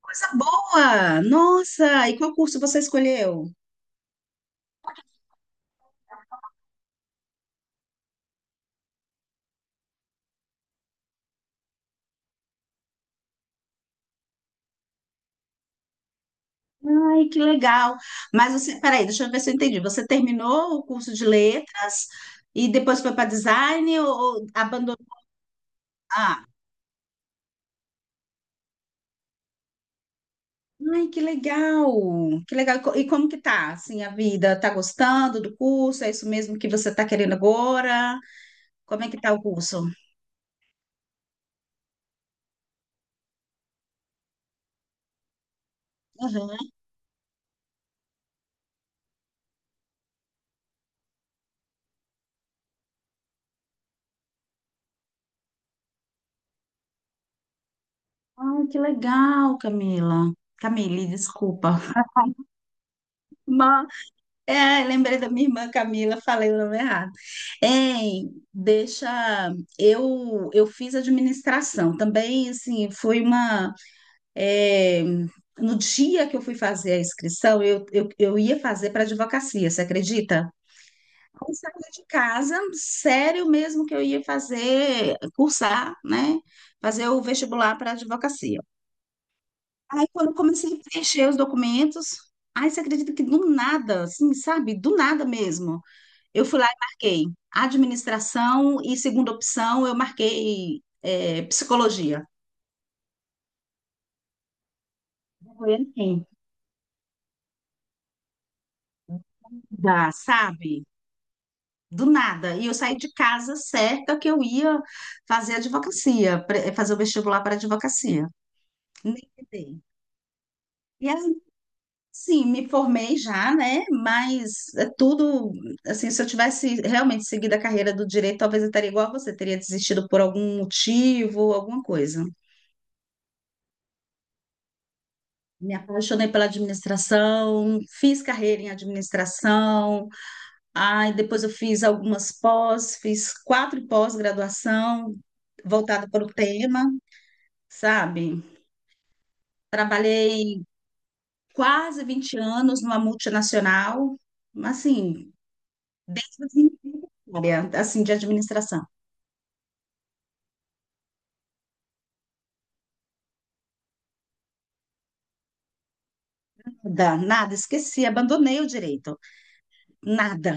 Coisa boa! Nossa! E qual curso você escolheu? Ai, que legal! Mas você, peraí, deixa eu ver se eu entendi. Você terminou o curso de letras e depois foi para design ou abandonou? Ah, ai, que legal! Que legal! E como que tá, assim, a vida? Tá gostando do curso? É isso mesmo que você tá querendo agora? Como é que tá o curso? Uhum. Ai, que legal, Camila. Camille, desculpa. É, lembrei da minha irmã Camila, falei o nome errado. Hein, deixa. Eu fiz administração também, assim, foi uma. é, no dia que eu fui fazer a inscrição, eu ia fazer para advocacia, você acredita? Eu saí de casa, sério mesmo que eu ia fazer, cursar, né? Fazer o vestibular para advocacia. Aí, quando eu comecei a preencher os documentos, aí você acredita que do nada, assim, sabe? Do nada mesmo. Eu fui lá e marquei administração e segunda opção eu marquei psicologia. Foi assim, dá, sabe? Do nada. E eu saí de casa certa que eu ia fazer advocacia, fazer o vestibular para advocacia. Nem tentei. E aí, sim, me formei já, né? Mas é tudo, assim, se eu tivesse realmente seguido a carreira do direito, talvez eu estaria igual a você, teria desistido por algum motivo, alguma coisa. Me apaixonei pela administração, fiz carreira em administração, aí depois eu fiz algumas pós, fiz quatro pós-graduação voltada para o tema, sabe? Trabalhei quase 20 anos numa multinacional, assim, desde a minha área, assim, de administração. Nada, nada, esqueci, abandonei o direito, nada.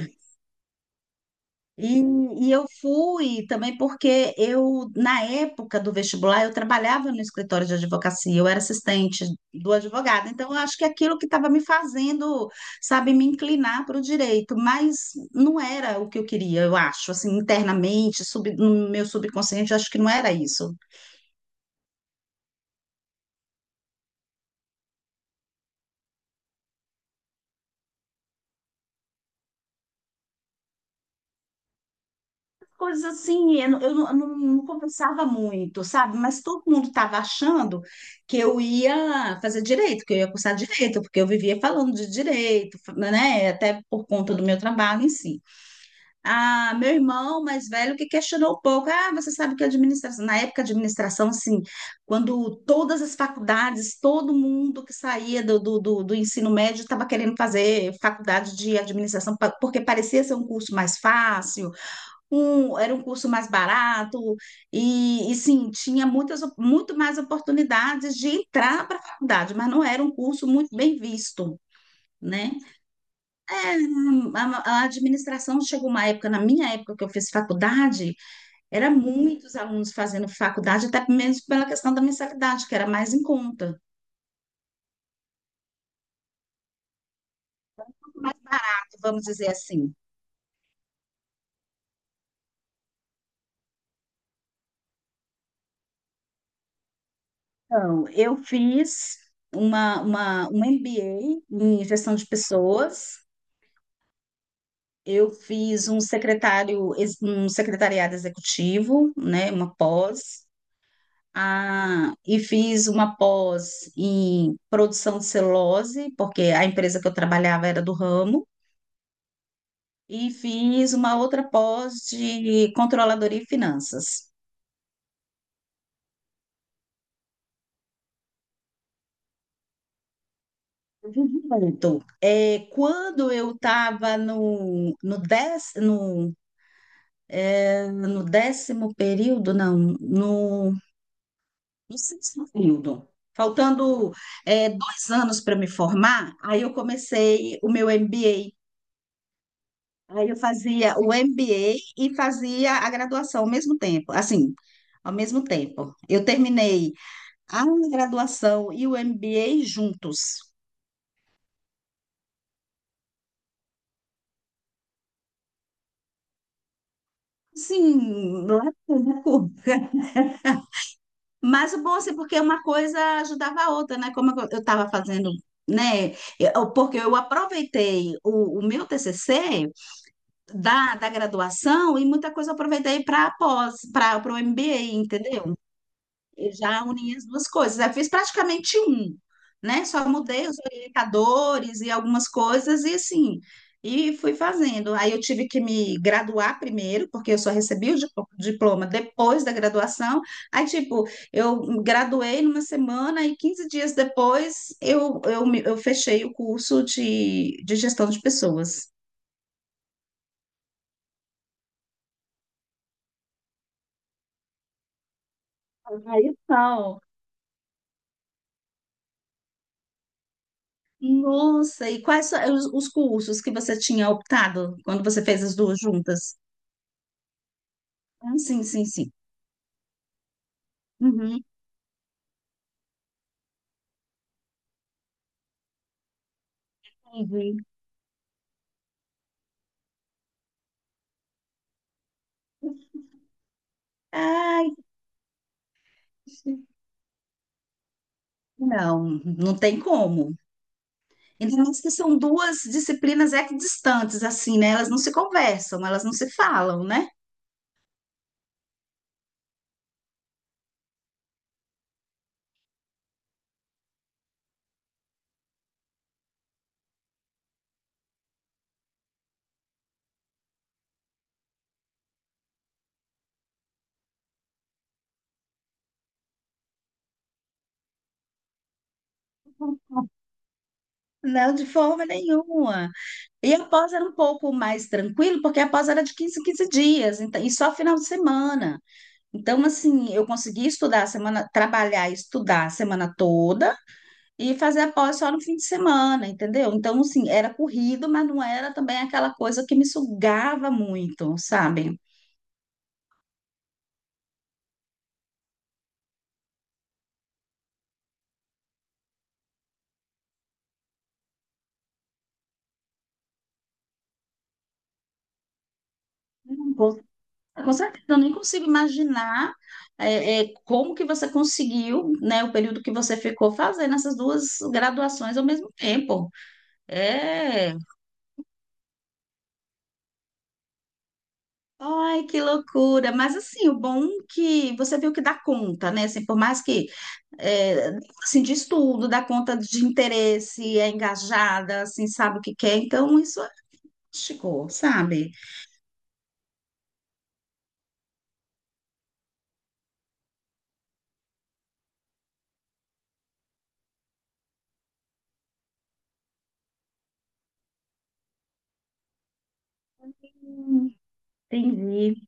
E, e eu fui também porque eu, na época do vestibular, eu trabalhava no escritório de advocacia, eu era assistente do advogado, então eu acho que aquilo que estava me fazendo, sabe, me inclinar para o direito, mas não era o que eu queria, eu acho, assim, internamente, no meu subconsciente, eu acho que não era isso. Coisas assim, eu não conversava muito, sabe? Mas todo mundo estava achando que eu ia fazer direito, que eu ia cursar direito, porque eu vivia falando de direito, né? Até por conta do meu trabalho em si. Ah, meu irmão mais velho que questionou um pouco, ah, você sabe que administração, na época de administração, assim, quando todas as faculdades, todo mundo que saía do ensino médio estava querendo fazer faculdade de administração, porque parecia ser um curso mais fácil, era um curso mais barato e sim, tinha muito mais oportunidades de entrar para a faculdade, mas não era um curso muito bem visto. Né? A administração chegou uma época, na minha época que eu fiz faculdade, era muitos alunos fazendo faculdade, até mesmo pela questão da mensalidade, que era mais em conta, mais barato, vamos dizer assim. Então, eu fiz um MBA em gestão de pessoas. Eu fiz um secretário, um secretariado executivo, né, uma pós, ah, e fiz uma pós em produção de celulose, porque a empresa que eu trabalhava era do ramo, e fiz uma outra pós de controladoria e finanças. Vivi. Muito. É, quando eu estava no décimo período, não, no sexto período. Faltando, 2 anos para me formar, aí eu comecei o meu MBA. Aí eu fazia o MBA e fazia a graduação ao mesmo tempo. Assim, ao mesmo tempo. Eu terminei a graduação e o MBA juntos. Sim, mas o bom assim, porque uma coisa ajudava a outra, né? Como eu estava fazendo, né? Porque eu aproveitei o meu TCC da graduação e muita coisa eu aproveitei para pós, para o MBA, entendeu? Eu já uni as duas coisas. Eu fiz praticamente um, né? Só mudei os orientadores e algumas coisas e assim, e fui fazendo. Aí eu tive que me graduar primeiro, porque eu só recebi o diploma depois da graduação. Aí, tipo, eu me graduei numa semana e 15 dias depois eu fechei o curso de gestão de pessoas. Aí, então. Nossa, e quais são os cursos que você tinha optado quando você fez as duas juntas? Ah, sim, sim, sim. Uhum, entendi. Ai, não, não tem como. Ainda mais que são duas disciplinas equidistantes, assim, né? Elas não se conversam, elas não se falam, né? Não, de forma nenhuma. E a pós era um pouco mais tranquilo, porque a pós era de em 15 dias, então, e só final de semana. Então, assim, eu consegui estudar a semana, trabalhar e estudar a semana toda, e fazer a pós só no fim de semana, entendeu? Então, assim, era corrido, mas não era também aquela coisa que me sugava muito, sabe? Não vou- Com certeza, eu nem consigo imaginar como que você conseguiu, né, o período que você ficou fazendo essas duas graduações ao mesmo tempo. É. Ai, que loucura! Mas assim, o bom que você viu que dá conta, né? Assim, por mais que é, assim, de estudo, dá conta de interesse, é engajada, assim, sabe o que quer, então isso é chico, sabe? Hum, Entendi.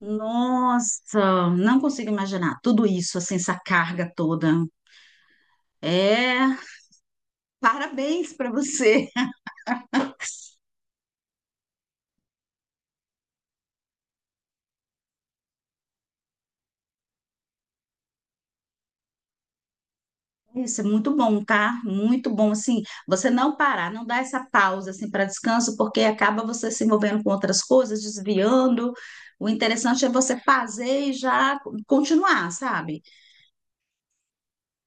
Nossa, não consigo imaginar tudo isso, assim, essa carga toda. É, parabéns para você. Isso é muito bom, tá? Muito bom, assim, você não parar, não dar essa pausa, assim, para descanso, porque acaba você se envolvendo com outras coisas, desviando. O interessante é você fazer e já continuar, sabe?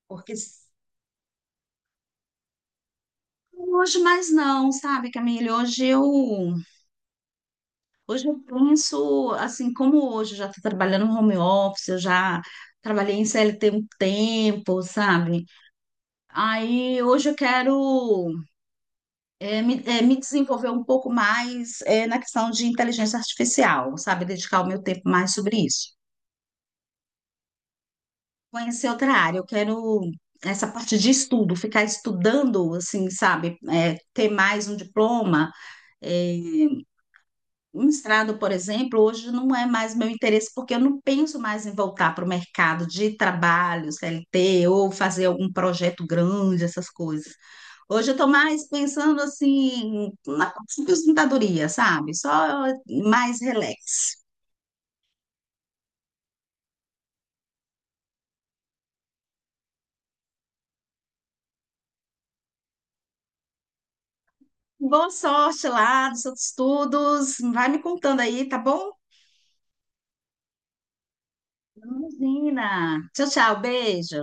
Porque hoje mais não, sabe, Camille? Hoje eu penso, assim, como hoje eu já estou trabalhando no home office, eu já trabalhei em CLT um tempo, sabe? Aí hoje eu quero me desenvolver um pouco mais na questão de inteligência artificial, sabe? Dedicar o meu tempo mais sobre isso. Conhecer outra área, eu quero essa parte de estudo, ficar estudando, assim, sabe? Ter mais um diploma. É, um mestrado, por exemplo, hoje não é mais meu interesse, porque eu não penso mais em voltar para o mercado de trabalho, CLT, ou fazer algum projeto grande, essas coisas. Hoje eu estou mais pensando assim na aposentadoria, sabe? Só mais relax. Boa sorte lá nos seus estudos. Vai me contando aí, tá bom? Imagina. Tchau, tchau. Beijo.